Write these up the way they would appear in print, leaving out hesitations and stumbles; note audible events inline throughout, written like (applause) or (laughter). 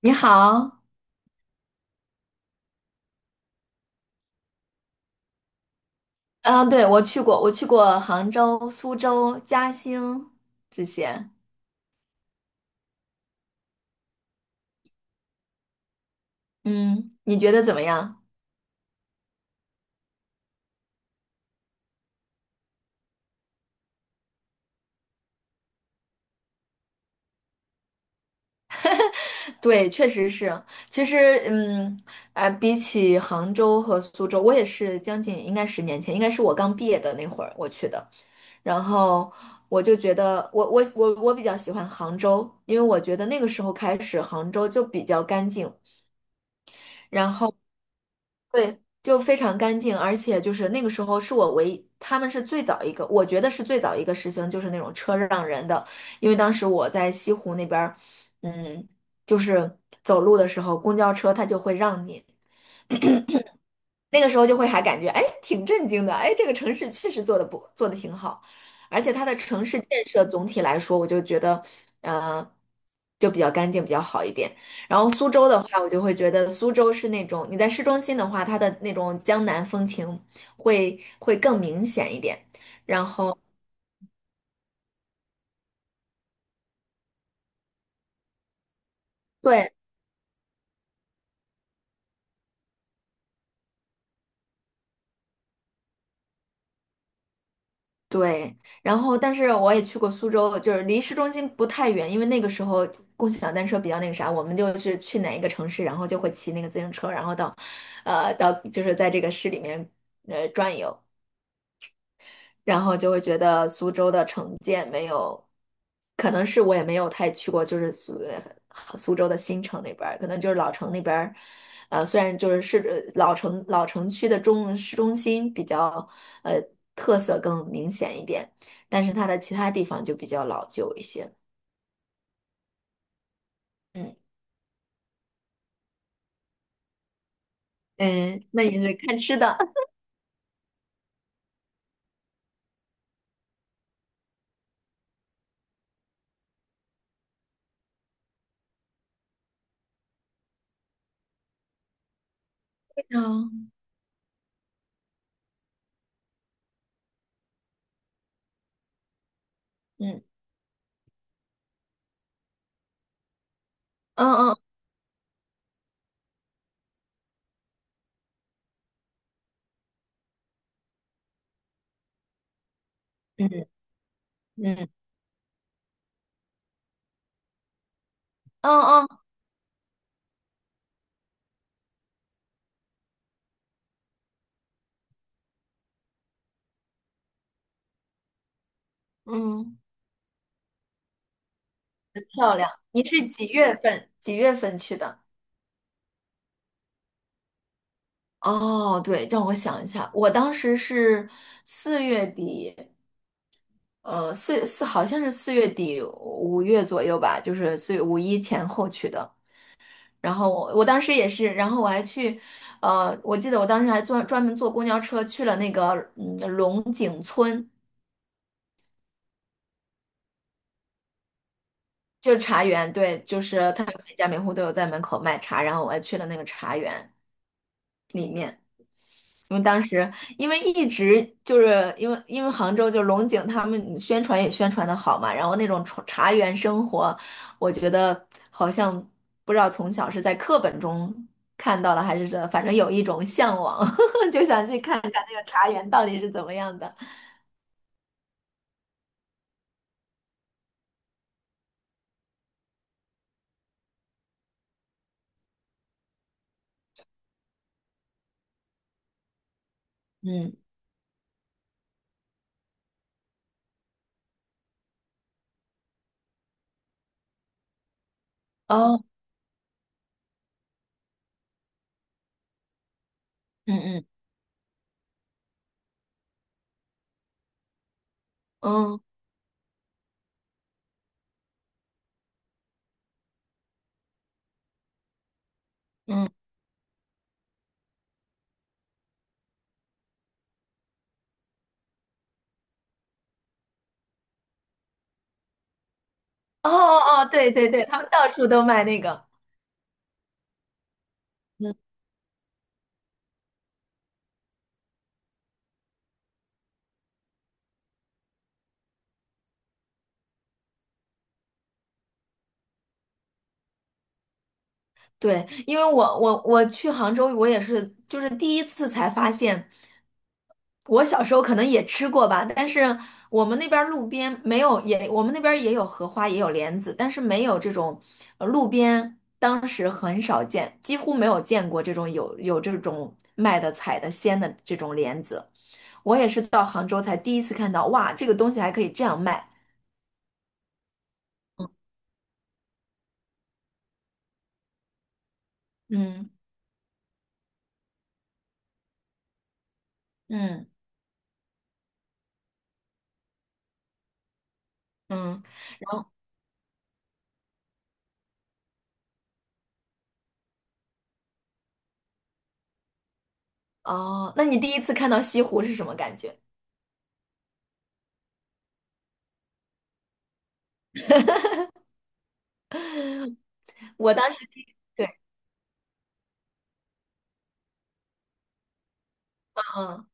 你好。嗯，对，我去过，我去过杭州、苏州、嘉兴这些。嗯，你觉得怎么样？对，确实是。其实，嗯，比起杭州和苏州，我也是将近应该十年前，应该是我刚毕业的那会儿我去的。然后我就觉得我比较喜欢杭州，因为我觉得那个时候开始，杭州就比较干净。然后对，就非常干净，而且就是那个时候是我唯一，他们是最早一个，我觉得是最早一个实行就是那种车让人的，因为当时我在西湖那边儿。嗯，就是走路的时候，公交车它就会让你，那个时候就会还感觉，哎，挺震惊的，哎，这个城市确实做的不做的挺好，而且它的城市建设总体来说，我就觉得，呃，就比较干净，比较好一点。然后苏州的话，我就会觉得苏州是那种你在市中心的话，它的那种江南风情会更明显一点。然后对，对，然后但是我也去过苏州，就是离市中心不太远，因为那个时候共享单车比较那个啥，我们就是去哪一个城市，然后就会骑那个自行车，然后到，就是在这个市里面转悠。然后就会觉得苏州的城建没有，可能是我也没有太去过，就是苏州的新城那边儿，可能就是老城那边儿，呃，虽然就是老城区的市中心比较呃特色更明显一点，但是它的其他地方就比较老旧一些。嗯嗯，那也是看吃的。嗯嗯嗯嗯嗯嗯嗯嗯，嗯，漂亮。你是几月份？几月份去的？哦，对，让我想一下，我当时是四月底，呃，四四好像是四月底五月左右吧，就是四月五一前后去的。然后我我当时也是，然后我还去，呃，我记得我当时还专门坐公交车去了那个龙井村，就是茶园。对，就是他每家每户都有在门口卖茶，然后我还去了那个茶园里面。因为当时因为一直就是因为因为杭州就龙井他们宣传也宣传的好嘛，然后那种茶园生活，我觉得好像不知道从小是在课本中看到了还是这，反正有一种向往，(laughs) 就想去看看那个茶园到底是怎么样的。嗯，哦，嗯嗯嗯嗯，哦哦哦，对对对，他们到处都卖那个。对，因为我去杭州，我也是就是第一次才发现，我小时候可能也吃过吧，但是我们那边儿路边没有也，我们那边儿也有荷花，也有莲子，但是没有这种路边当时很少见，几乎没有见过这种有这种卖的采的鲜的这种莲子。我也是到杭州才第一次看到，哇，这个东西还可以这样卖。嗯嗯嗯，然后哦，那你第一次看到西湖是什么感觉？我当时对，嗯，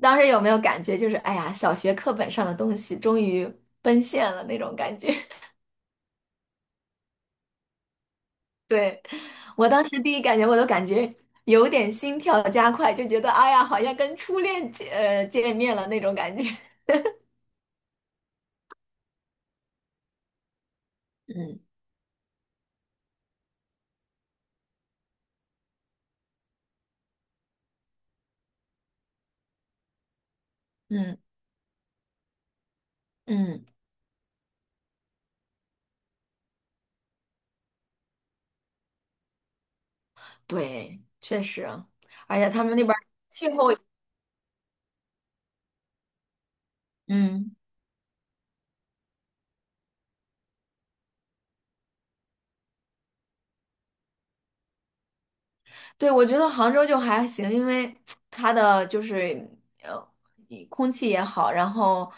当时有没有感觉就是，哎呀，小学课本上的东西终于奔现了那种感觉？(laughs) 对，我当时第一感觉，我都感觉有点心跳加快，就觉得哎呀，好像跟初恋见面了那种感觉。(laughs) 嗯嗯嗯，对，确实，而且他们那边儿气候。嗯。对，我觉得杭州就还行，因为 (tsk) 它的就是呃，一空气也好，然后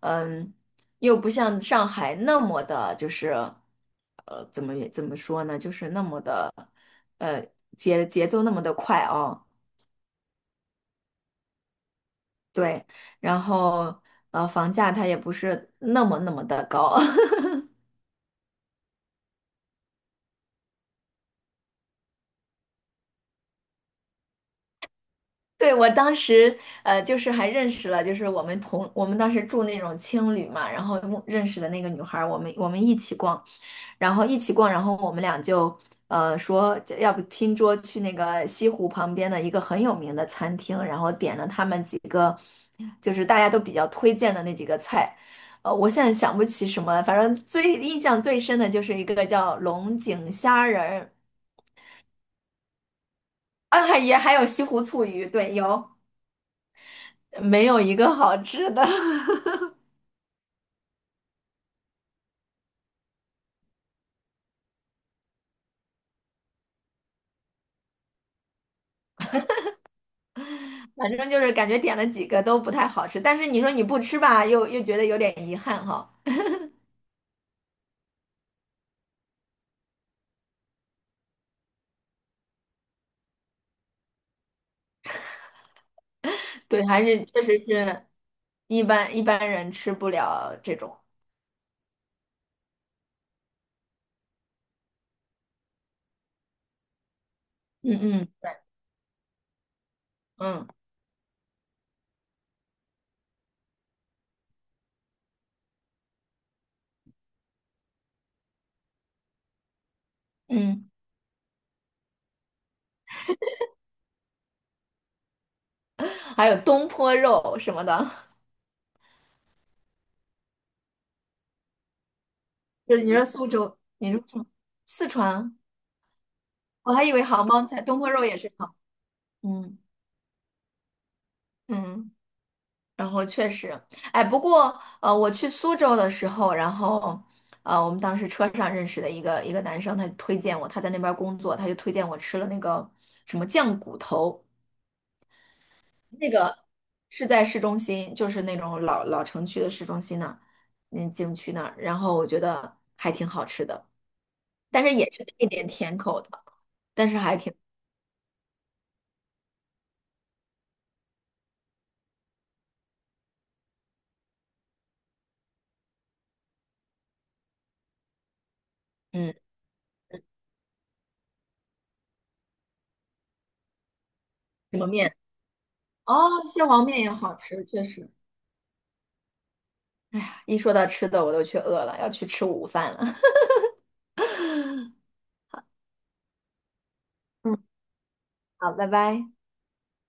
嗯，又不像上海那么的，就是呃，怎么说呢，就是那么的呃节奏那么的快哦。对，然后呃，房价它也不是那么的高。(laughs) 对，我当时呃，就是还认识了，就是我们当时住那种青旅嘛，然后认识的那个女孩儿，我们一起逛。然后一起逛，然后我们俩就说这要不拼桌去那个西湖旁边的一个很有名的餐厅，然后点了他们几个就是大家都比较推荐的那几个菜。呃，我现在想不起什么了，反正最印象最深的就是一个叫龙井虾仁儿。啊，也还有西湖醋鱼，对，有。没有一个好吃的，(laughs) 反正就是感觉点了几个都不太好吃。但是你说你不吃吧，又觉得有点遗憾哈。对，还是确实是一般人吃不了这种。嗯嗯嗯嗯，还有东坡肉什么的，(laughs) 就是你说苏州，你说什么四川，我还以为杭帮菜，东坡肉也是杭。嗯嗯，然后确实，哎，不过呃，我去苏州的时候，然后呃，我们当时车上认识的一个男生，他推荐我，他在那边工作，他就推荐我吃了那个什么酱骨头。那个是在市中心，就是那种老城区的市中心那儿。嗯，景区那儿。然后我觉得还挺好吃的，但是也是配点甜口的，但是还挺，嗯，什么面？哦，蟹黄面也好吃，确实。哎呀，一说到吃的，我都去饿了，要去吃午饭了。(laughs) 嗯，好，拜拜。